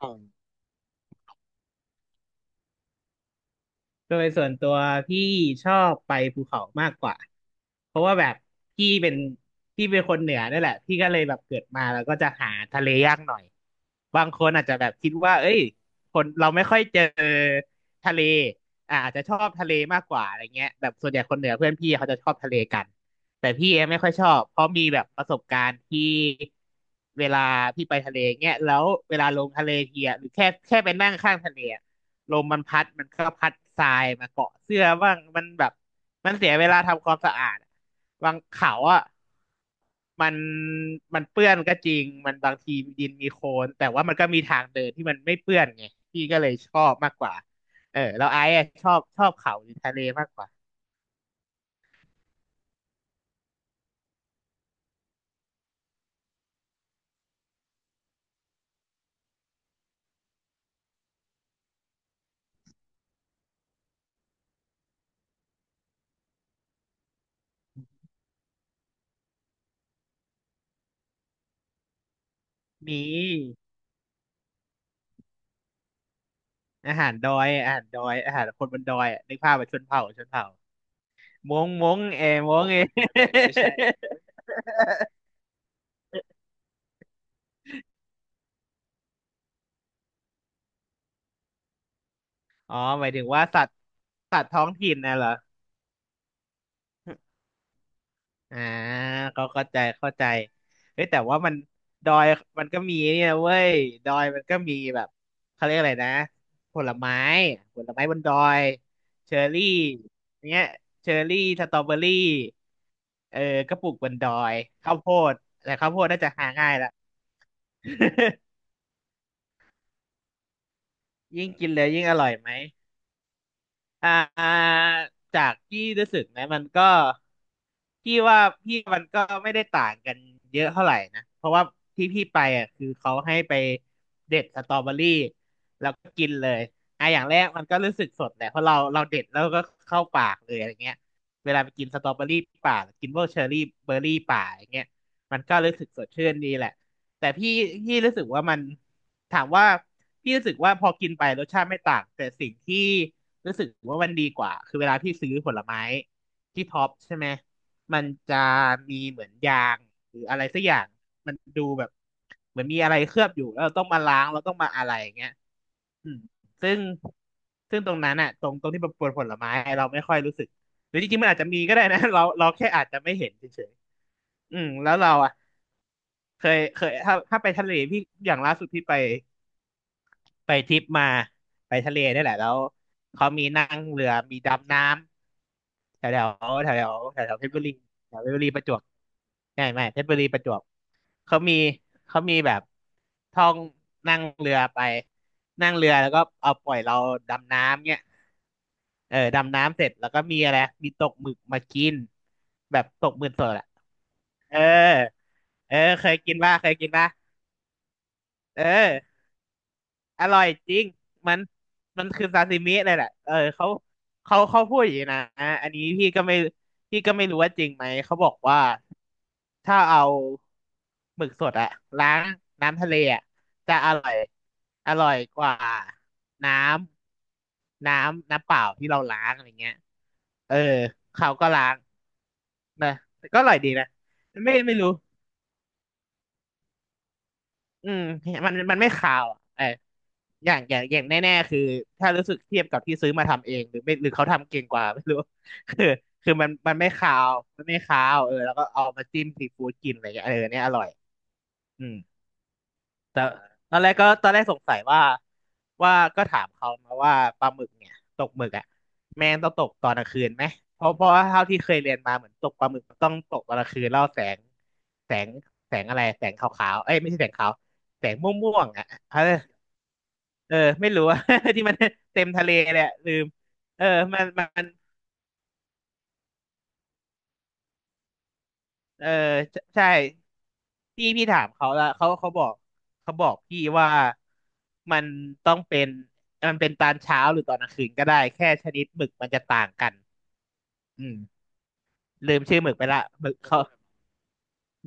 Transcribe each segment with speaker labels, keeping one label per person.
Speaker 1: อ๋อโดยส่วนตัวพี่ชอบไปภูเขามากกว่าเพราะว่าแบบพี่เป็นพี่เป็นคนเหนือนี่แหละพี่ก็เลยแบบเกิดมาแล้วก็จะหาทะเลยากหน่อยบางคนอาจจะแบบคิดว่าเอ้ยคนเราไม่ค่อยเจอทะเลอาจจะชอบทะเลมากกว่าอะไรเงี้ยแบบส่วนใหญ่คนเหนือเพื่อนพี่เขาจะชอบทะเลกันแต่พี่เองไม่ค่อยชอบเพราะมีแบบประสบการณ์ที่เวลาพี่ไปทะเลเงี้ยแล้วเวลาลงทะเลทีอะหรือแค่ไปนั่งข้างทะเลอะ ลมมันพัดมันก็พัดทรายมาเกาะเสื้อบ้างมันแบบมันเสียเวลาทำความสะอาดอะบางเขาอ่ะมันมันเปื้อนก็จริงมันบางทีดินมีโคลนแต่ว่ามันก็มีทางเดินที่มันไม่เปื้อนไงพี่ก็เลยชอบมากกว่าเออแล้วไอ้อะชอบเขาหรือทะเลมากกว่ามีอาหารดอยอาหารดอยอาหารคนบนดอยอะนึกภาพแบบชนเผ่าชนเผ่าม้งเออม้งเอ อ๋อหมายถึงว่าสัตว์ท้องถิ่นนะเหรอ อ่าก็เข้าใจเฮ้ยแต่ว่ามันดอยมันก็มีเนี่ยเว้ยดอยมันก็มีแบบเขาเรียกอะไรนะผลไม้ผลไม้บนดอยเชอร์รี่เนี้ยเชอร์รี่สตรอเบอรี่เออกระปลูกบนดอยข้าวโพดแต่ข้าวโพดน่าจะหาง่ายละ ยิ่งกินเลยยิ่งอร่อยไหม อ่าจากที่รู้สึกนะมันก็พี่ว่าพี่มันก็ไม่ได้ต่างกันเยอะเท่าไหร่นะเพราะว่าที่พี่ไปอ่ะคือเขาให้ไปเด็ดสตรอเบอรี่แล้วก็กินเลยอ่ะอย่างแรกมันก็รู้สึกสดแหละเพราะเราเด็ดแล้วก็เข้าปากเลยอะไรเงี้ยเวลาไปกินสตรอเบอรี่ป่าหรือกินพวกเชอร์รี่เบอร์รี่ป่าอย่างเงี้ยมันก็รู้สึกสดชื่นดีแหละแต่พี่รู้สึกว่ามันถามว่าพี่รู้สึกว่าพอกินไปรสชาติไม่ต่างแต่สิ่งที่ รู้สึกว่ามันดีกว่าคือเวลาพี่ซื้อผลไม้ที่ท็อปใช่ไหมมันจะมีเหมือนยางหรืออะไรสักอย่างมันดูแบบเหมือนมีอะไรเคลือบอยู่แล้วเราต้องมาล้างเราต้องมาอะไรอย่างเงี้ยอืมซึ่งซึ่งตรงนั้นอะตรงที่ประปวนผลไม้เราไม่ค่อยรู้สึกหรือจริงๆมันอาจจะมีก็ได้นะ เราแค่อาจจะไม่เห็นเฉยๆอืมแล้วเราอะเคยถ้าไปทะเลพี่อย่างล่าสุดพี่ไป ไปทริปมาไปทะเลนี่แหละแล้วเขามีนั่งเรือมีดำน้ำแถวแถวแถวแถวแถวแถวเพชรบุรีแถวเพชรบุรีประจวบไม่ไม่เพชรบุรีประจวบเขามีเขามีแบบท่องนั่งเรือไปนั่งเรือแล้วก็เอาปล่อยเราดำน้ำเนี่ยเออดำน้ำเสร็จแล้วก็มีอะไรมีตกหมึกมากินแบบตกหมึกสดอะเออเออเคยกินป่ะเออ อร่อยจริงมันมันคือซาซิมิเลยแหละเออเขาพูดอย่างนี้นะอันนี้พี่ก็ไม่รู้ว่าจริงไหมเขาบอกว่าถ้าเอาหมึกสดอะล้างน้ำทะเลอะจะอร่อยอร่อยกว่าน้น้ำเปล่าที่เราล้างอะไรเงี้ยเออเขาก็ล้างนะแต่ก็อร่อยดีนะไม่ไม่รู้ อืมมันไม่ข่าวอะเอออย่างแน่ๆคือถ้ารู้สึกเทียบกับที่ซื้อมาทำเองหรือไม่หรือเขาทำเก่งกว่า ไม่รู้ คือมันไม่ข่าวมันไม่ข่าวเออแล้วก็เอามาจิ้มซีฟู้ดกินอะไรอย่างเงี้ยเออเนี่ยอร่อยอืม แต่ตอนแรกก็ตอนแรกสงสัยว่าก็ถามเขามาว่าปลาหมึกเนี่ยตกหมึกอ่ะแม่งต้องตกตอนกลางคืนไหมเพราะว่าเท่าที่เคยเรียนมาเหมือนตกปลาหมึกมันต้องตกตอนกลางคืนแล้วแสงแสงอะไรแสงขาวๆเอ้ยไม่ใช่แสงขาวแสงม่วงๆอ่ะเออเออไม่รู้อะ ที่มันเต็มทะเลเลยอะลืมเออมันมัน เออใช่พี่ถามเขาแล้วเขาบอกเขาบอกพี่ว่ามันต้องเป็นมันเป็นตอนเช้าหรือตอนกลางคืนก็ได้แค่ชนิดหมึกมันจะต่างกันอืมลืมชื่อหมึกไปละหมึกเขา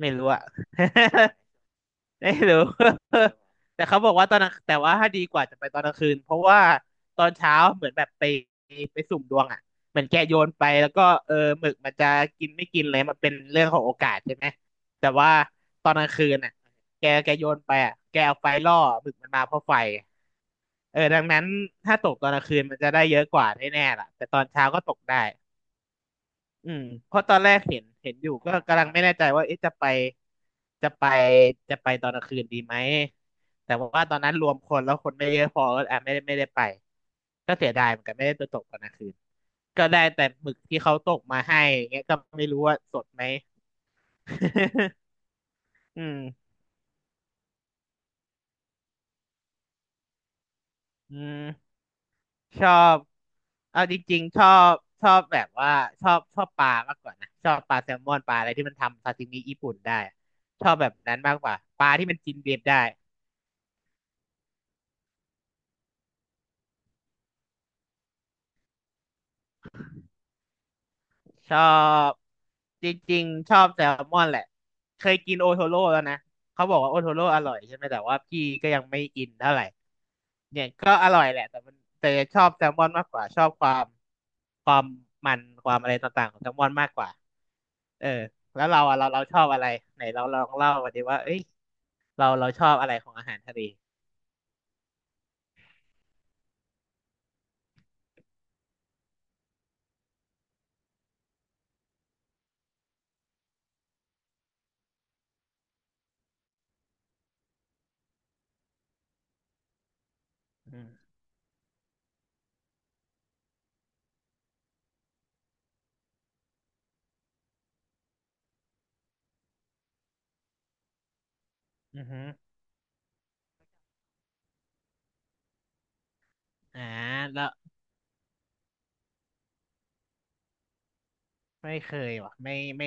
Speaker 1: ไม่รู้อะ ไม่รู้ แต่เขาบอกว่าตอนกลางแต่ว่าถ้าดีกว่าจะไปตอนกลางคืนเพราะว่าตอนเช้าเหมือนแบบไปสุ่มดวงอ่ะเหมือนแกโยนไปแล้วก็เออหมึกมันจะกินไม่กินเลยมันเป็นเรื่องของโอกาสใช่ไหมแต่ว่าตอนกลางคืนอ่ะแกโยนไปอ่ะแกเอาไฟล่อหมึกมันมาเพราะไฟเออดังนั้นถ้าตกตอนกลางคืนมันจะได้เยอะกว่าแน่ๆล่ะแต่ตอนเช้าก็ตกได้ อืมเพราะตอนแรกเห็นอยู่ก็กำลังไม่แน่ใจว่าเอ๊ะจะไปจะไปตอนกลางคืนดีไหมแต่ว่าตอนนั้นรวมคนแล้วคนไม่เยอะพอก็อ่ะไม่ได้ไปก็เสียดายเหมือนกันไม่ได้ไปตกตอนกลางคืนก็ได้แต่หมึกที่เขาตกมาให้อย่างเงี้ยก็ไม่รู้ว่าสดไหม อืมอืมชอบเอาจริงๆบชอบแบบว่าชอบปลามากกว่านะชอบปลาแซลมอนปลาอะไรที่มันทำซาซิมิญี่ปุ่นได้ชอบแบบนั้นมากกว่าปลาที่มันกินเบียดได้ ชอบจริงๆชอบแซลมอนแหละเคยกินโอโทโร่แล้วนะเขาบอกว่าโอโทโร่อร่อยใช่ไหมแต่ว่าพี่ก็ยังไม่อินเท่าไหร่เนี่ยก็อร่อยแหละแต่มันแต่ชอบแซลมอนมากกว่าชอบความมันความอะไรต่างๆของแซลมอนมากกว่าเออแล้วเราอะเราชอบอะไรไหนเราลองเล่ามาดิว่าเอ้ยเราชอบอะไรของอาหารทะเลอืมอือฮึอ่าแล้ว ไม่เคยว่ะไม่ไม่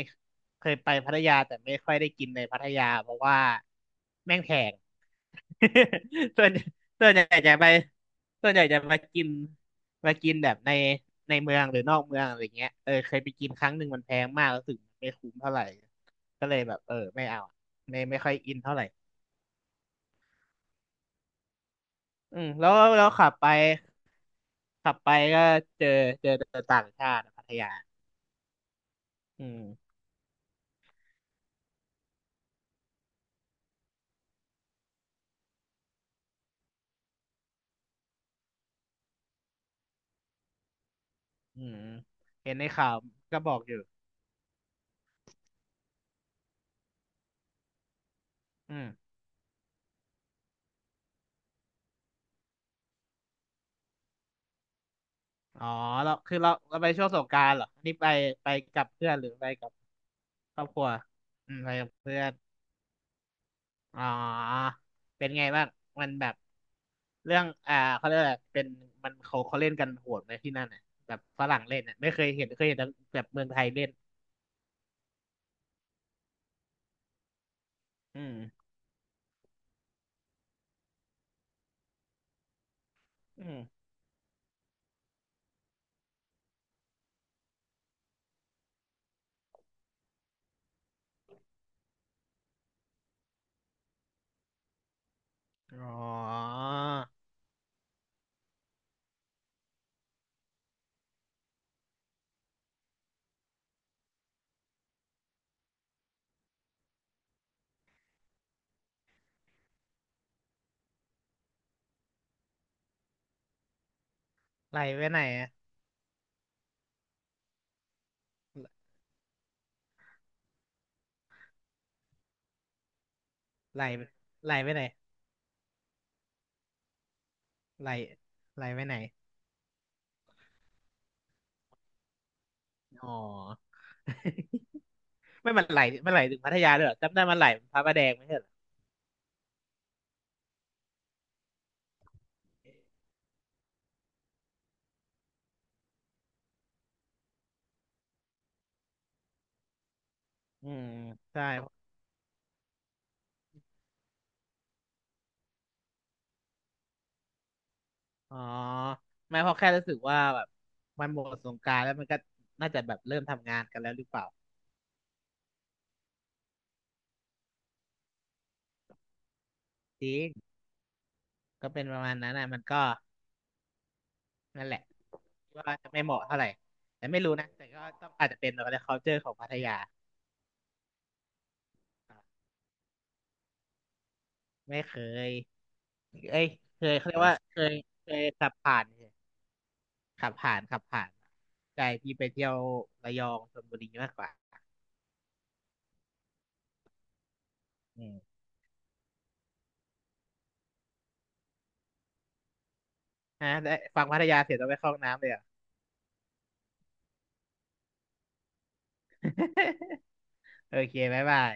Speaker 1: เคยไปพัทยาแต่ไม่ค่อยได้กินในพัทยาเพราะว่าแม่งแพง ส่วนส่วนใหญ่จะไปส่วนใหญ่จะมากินมากินแบบในในเมืองหรือนอกเมืองอะไรเงี้ยเออเคยไปกินครั้งหนึ่งมันแพงมากแล้วถึงไม่คุ้มเท่าไหร่ก็เลยแบบเออไม่เอาอะไม่ค่อยอินเท่าไหร่อืมแล้วขับไปขับไปก็เจอเจอแต่ต่างชาติอะพัทยาอืมอืมเห็นในข่าวก็บอกอยู่อืม อ๋อเราคือเราไปช่วงสงกรานต์เหรออันนี่ไปไปกับเพื่อนหรือไปกับครอบครัวอืมไปกับเพื่อนอ๋อเป็นไงบ้างมันแบบเรื่องอ่าเขาเรียกอะไรเป็นมันเขาเล่นกันโหดไหมที่นั่นน่ะแบบฝรั่งเล่นน่ะไม่เคยเห็นเคยเห็นแต่แบบเมืองไทยเล่นอืมอืมอ๋อไหลไปไหนอะไหลไหลไปไหนไหลไหลไปไหนอ๋อ ไม่มันไหลมันไหลถึงพัทยาเลยเหรอจำได้มันไหลพระประแดงไหม อืมใช่อ๋อไม่เพราะแค่รู้สึกว่าแบบมันหมดสงกรานต์แล้วมันก็น่าจะแบบเริ่มทำงานกันแล้วหรือเปล่าจริงก็เป็นประมาณนั้นนะมันก็นั่นแหละว่าจะไม่เหมาะเท่าไหร่แต่ไม่รู้นะแต่ก็ต้องอาจจะเป็นอะไร culture ของพัทยาไม่เคยเอ้ยเคยเขาเรียกว่าเคยเคยขับผ่านเฉยขับผ่านใจที่ไปเที่ยวระยองชลบุรีมากกว่าอืมฮะได้ฟังพัทยาเสร็จแล้องไปเข้าห้องน้ำเลยเหรอ่ะ โอเคบ๊ายบาย